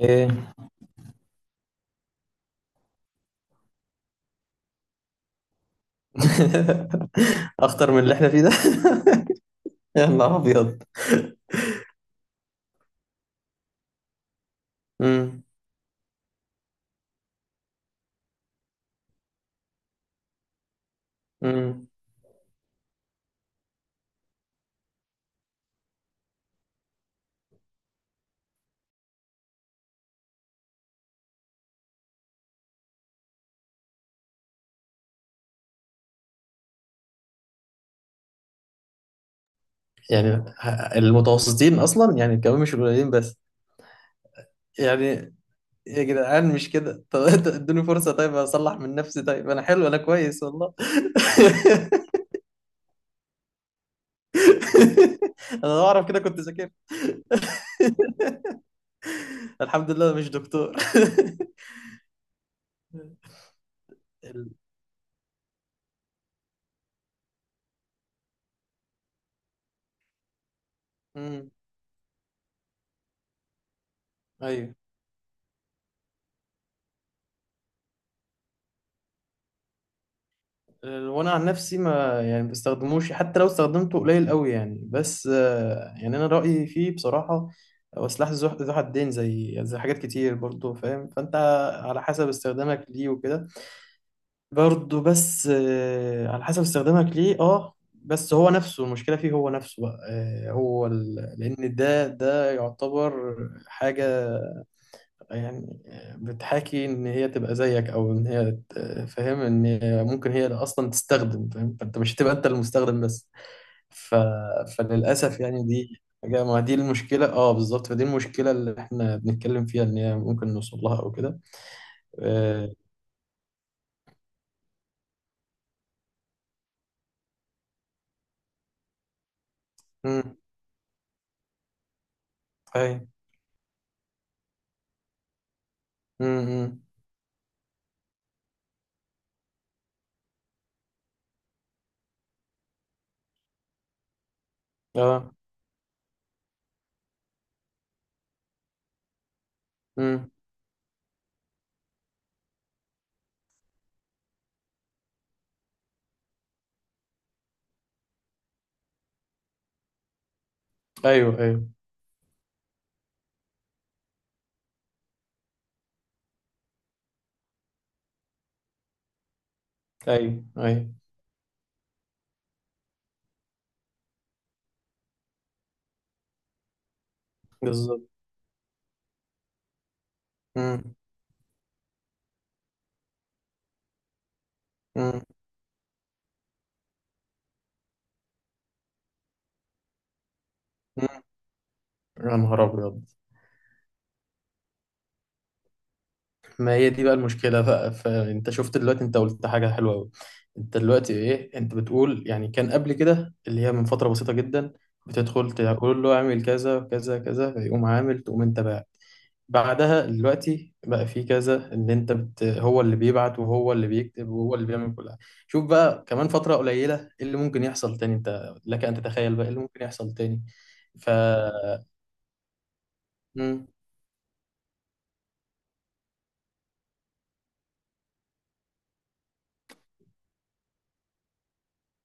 ايه. اخطر من اللي احنا فيه ده؟ يا نهار ابيض! امم امم يعني المتوسطين اصلا يعني كمان مش قليلين بس. يعني، يا جدعان، مش كده؟ طب إنت ادوني فرصة، طيب اصلح من نفسي، طيب انا حلو انا كويس والله. انا لو اعرف كده كنت ذاكرت. الحمد لله مش دكتور. ال- امم. ايوه. وانا عن نفسي ما يعني ما بستخدموش، حتى لو استخدمته قليل قوي يعني، بس يعني انا رايي فيه بصراحه. هو سلاح ذو حدين، زي حاجات كتير، برضو فاهم فانت. على حسب استخدامك ليه وكده. برضو بس على حسب استخدامك ليه بس هو نفسه المشكله فيه، هو نفسه بقى هو لان ده يعتبر حاجه، يعني بتحاكي ان هي تبقى زيك، او ان هي فاهم، ان هي ممكن هي اللي اصلا تستخدم، فاهم فانت مش هتبقى انت المستخدم بس. ف... فللاسف يعني ما دي المشكلة بالظبط، فدي المشكلة اللي احنا بنتكلم فيها ان هي ممكن نوصل لها او كده. آه. امم. اي. امم. اه. امم. ايوه، ايوه، ايوه، ايوه، بالظبط. امم. امم. يا نهار ابيض! ما هي دي بقى المشكلة بقى، فانت شفت دلوقتي انت قلت حاجة حلوة قوي. انت دلوقتي ايه؟ انت بتقول يعني كان قبل كده، اللي هي من فترة بسيطة جدا، بتدخل تقول له اعمل كذا كذا كذا، فيقوم عامل، تقوم انت بقى. بعدها دلوقتي بقى في كذا، ان انت هو اللي بيبعت وهو اللي بيكتب وهو اللي بيعمل كل حاجة. شوف بقى، كمان فترة قليلة، ايه اللي ممكن يحصل تاني؟ انت لك ان تتخيل بقى ايه اللي ممكن يحصل تاني. ف مم.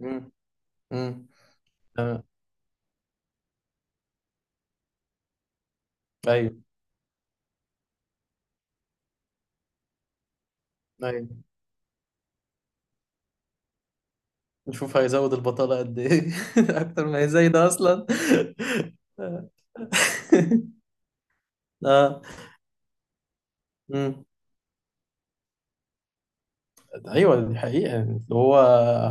مم. مم. آه. ايوه، ايوه. نشوف هيزود البطالة قد ايه! اكتر ما هي زايدة ده اصلا. اه. مم. ايوه، دي حقيقة يعني اللي هو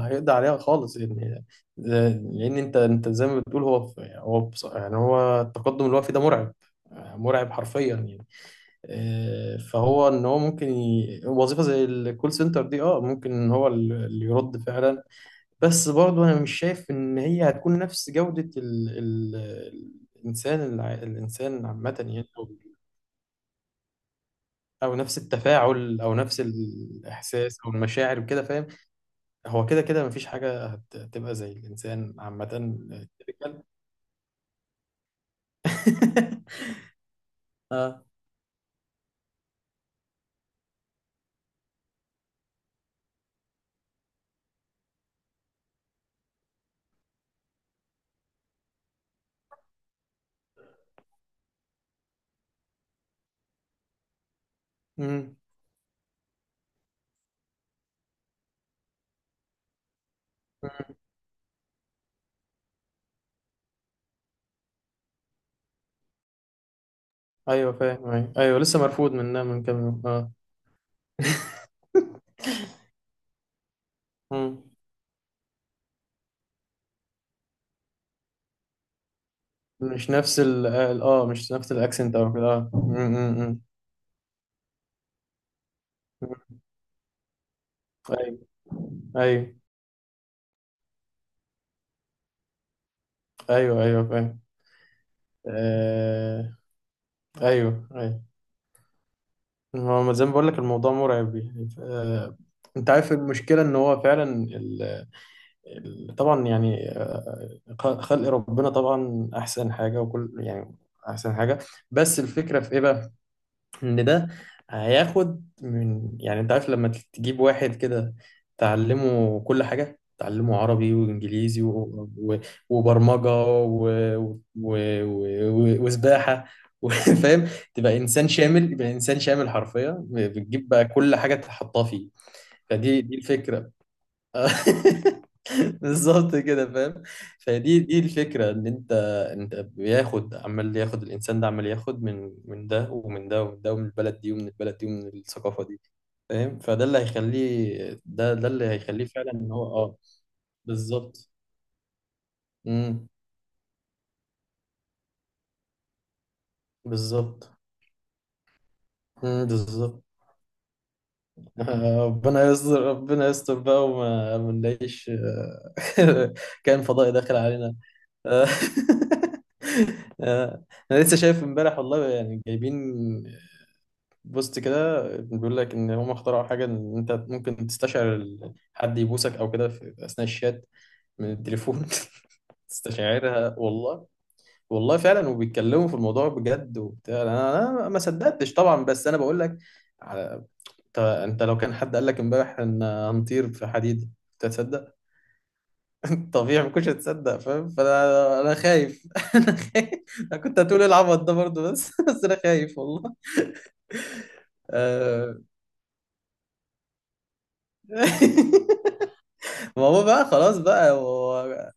هيقضي عليها خالص يعني. لان انت زي ما بتقول، هو يعني هو التقدم اللي هو فيه ده مرعب، مرعب حرفيا يعني. فهو ان هو ممكن وظيفة زي الكول سنتر دي ممكن ان هو اللي يرد فعلا. بس برضه انا مش شايف ان هي هتكون نفس جودة ال الانسان، الانسان عامة يعني، او نفس التفاعل او نفس الاحساس او المشاعر وكده، فاهم. هو كده كده مفيش حاجة هتبقى زي الانسان عامة. typical. اه. امم. ايوه، فاهم. ايوه، ايوه، لسه مرفوض منها من كام يوم. اه. مم. مش نفس ال اه مش نفس الاكسنت او كده مم، مم، مم. ايوه، ايوه، ايوه، ايوه، فاهم. آه... ايوه، ايوه. هو ما زي ما بقول لك، الموضوع مرعب يعني. انت عارف المشكله ان هو فعلا طبعا، يعني خلق ربنا طبعا احسن حاجه، وكل يعني احسن حاجه. بس الفكره في ايه بقى؟ ان ده هياخد من، يعني انت عارف لما تجيب واحد كده، تعلمه كل حاجة، تعلمه عربي وانجليزي وبرمجة وسباحة و- فاهم. تبقى انسان شامل، يبقى انسان شامل حرفيا، بتجيب بقى كل حاجة تحطها فيه. فدي الفكرة. بالظبط كده، فاهم. فدي الفكره، ان انت بياخد، عمال ياخد الانسان ده، عمال ياخد من ده ومن ده ومن ده، ومن البلد دي ومن البلد دي، ومن الثقافه دي. فاهم، فده اللي هيخليه، ده اللي هيخليه فعلا ان هو. اه بالظبط. امم. بالظبط. امم. بالظبط. ربنا يستر ربنا يستر بقى، وما ما نلاقيش كائن فضائي داخل علينا. آه، آه، انا لسه شايف امبارح والله، يعني جايبين بوست كده بيقول لك ان هم اخترعوا حاجه، ان انت ممكن تستشعر حد يبوسك او كده في اثناء الشات، من التليفون. تستشعرها والله. والله فعلا، وبيتكلموا في الموضوع بجد وبتاع، انا ما صدقتش طبعا، بس انا بقول لك. على- انت لو كان حد قال لك امبارح ان هنطير في حديد، كنت هتصدق؟ طبيعي، ما كنتش هتصدق، فاهم؟ فانا خايف. انا خايف. انا كنت هتقول إيه العبط ده برضه، بس انا خايف والله. آه. ما هو بقى خلاص بقى.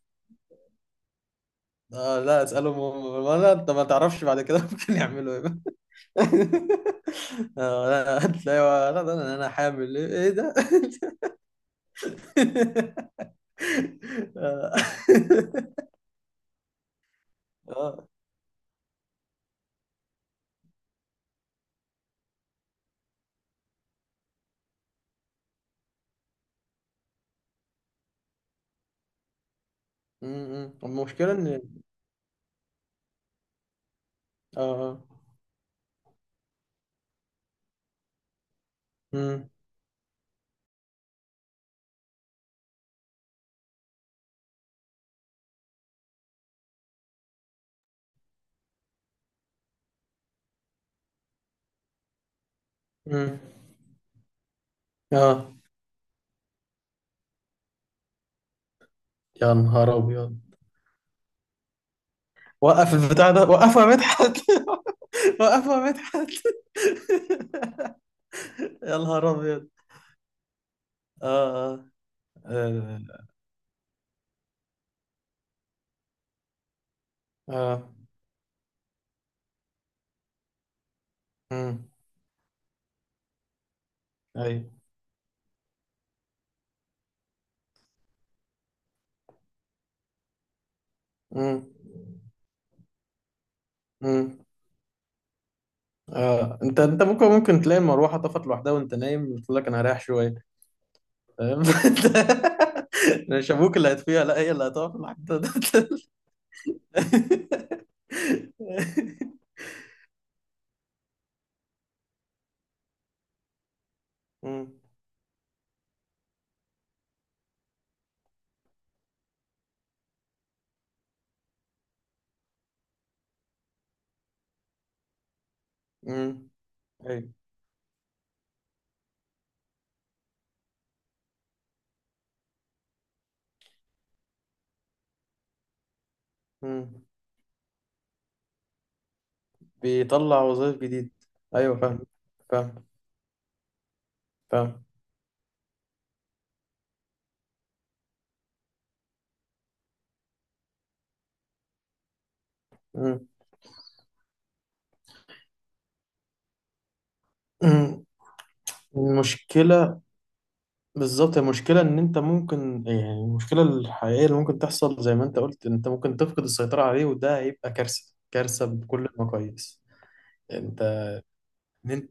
آه، لا، اسألهم هم، ما لا انت ما تعرفش بعد كده. ممكن يعملوا ايه. بقى. آه، لا، هتلاقي، لا، لا، لا، انا حامل ايه؟ إيه ده؟ آه. آه. م- م. المشكلة ان. اه آه. م- م. اه يا نهار ابيض! وقف البتاع ده وقفه، يا مدحت. وقفه، يا مدحت. يا نهار ابيض! اه، اه، اه، آه. آه. م. أيوة. امم. امم. آه. انت ممكن تلاقي المروحه طفت لوحدها وانت نايم، بتقول لك انا هريح شويه، فاهم. مش ابوك اللي هتفيها، لا، هي اللي هتقف لوحدها. امم. امم. ايوه. امم. بيطلع وظائف جديد. ايوه، فاهم، فاهم، فاهم. امم. المشكله. بالظبط، المشكلة إن أنت ممكن، يعني المشكلة الحقيقية اللي ممكن تحصل، زي ما أنت قلت، أنت ممكن تفقد السيطرة عليه، وده هيبقى كارثة، كارثة بكل المقاييس. أنت، إن أنت.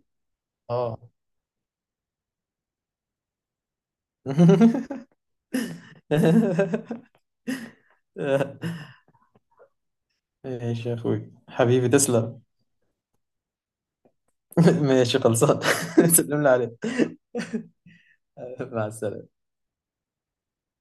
آه ماشي، يا أخوي حبيبي، تسلم. ماشي خلصان. تسلم لي عليك. مع السلامة.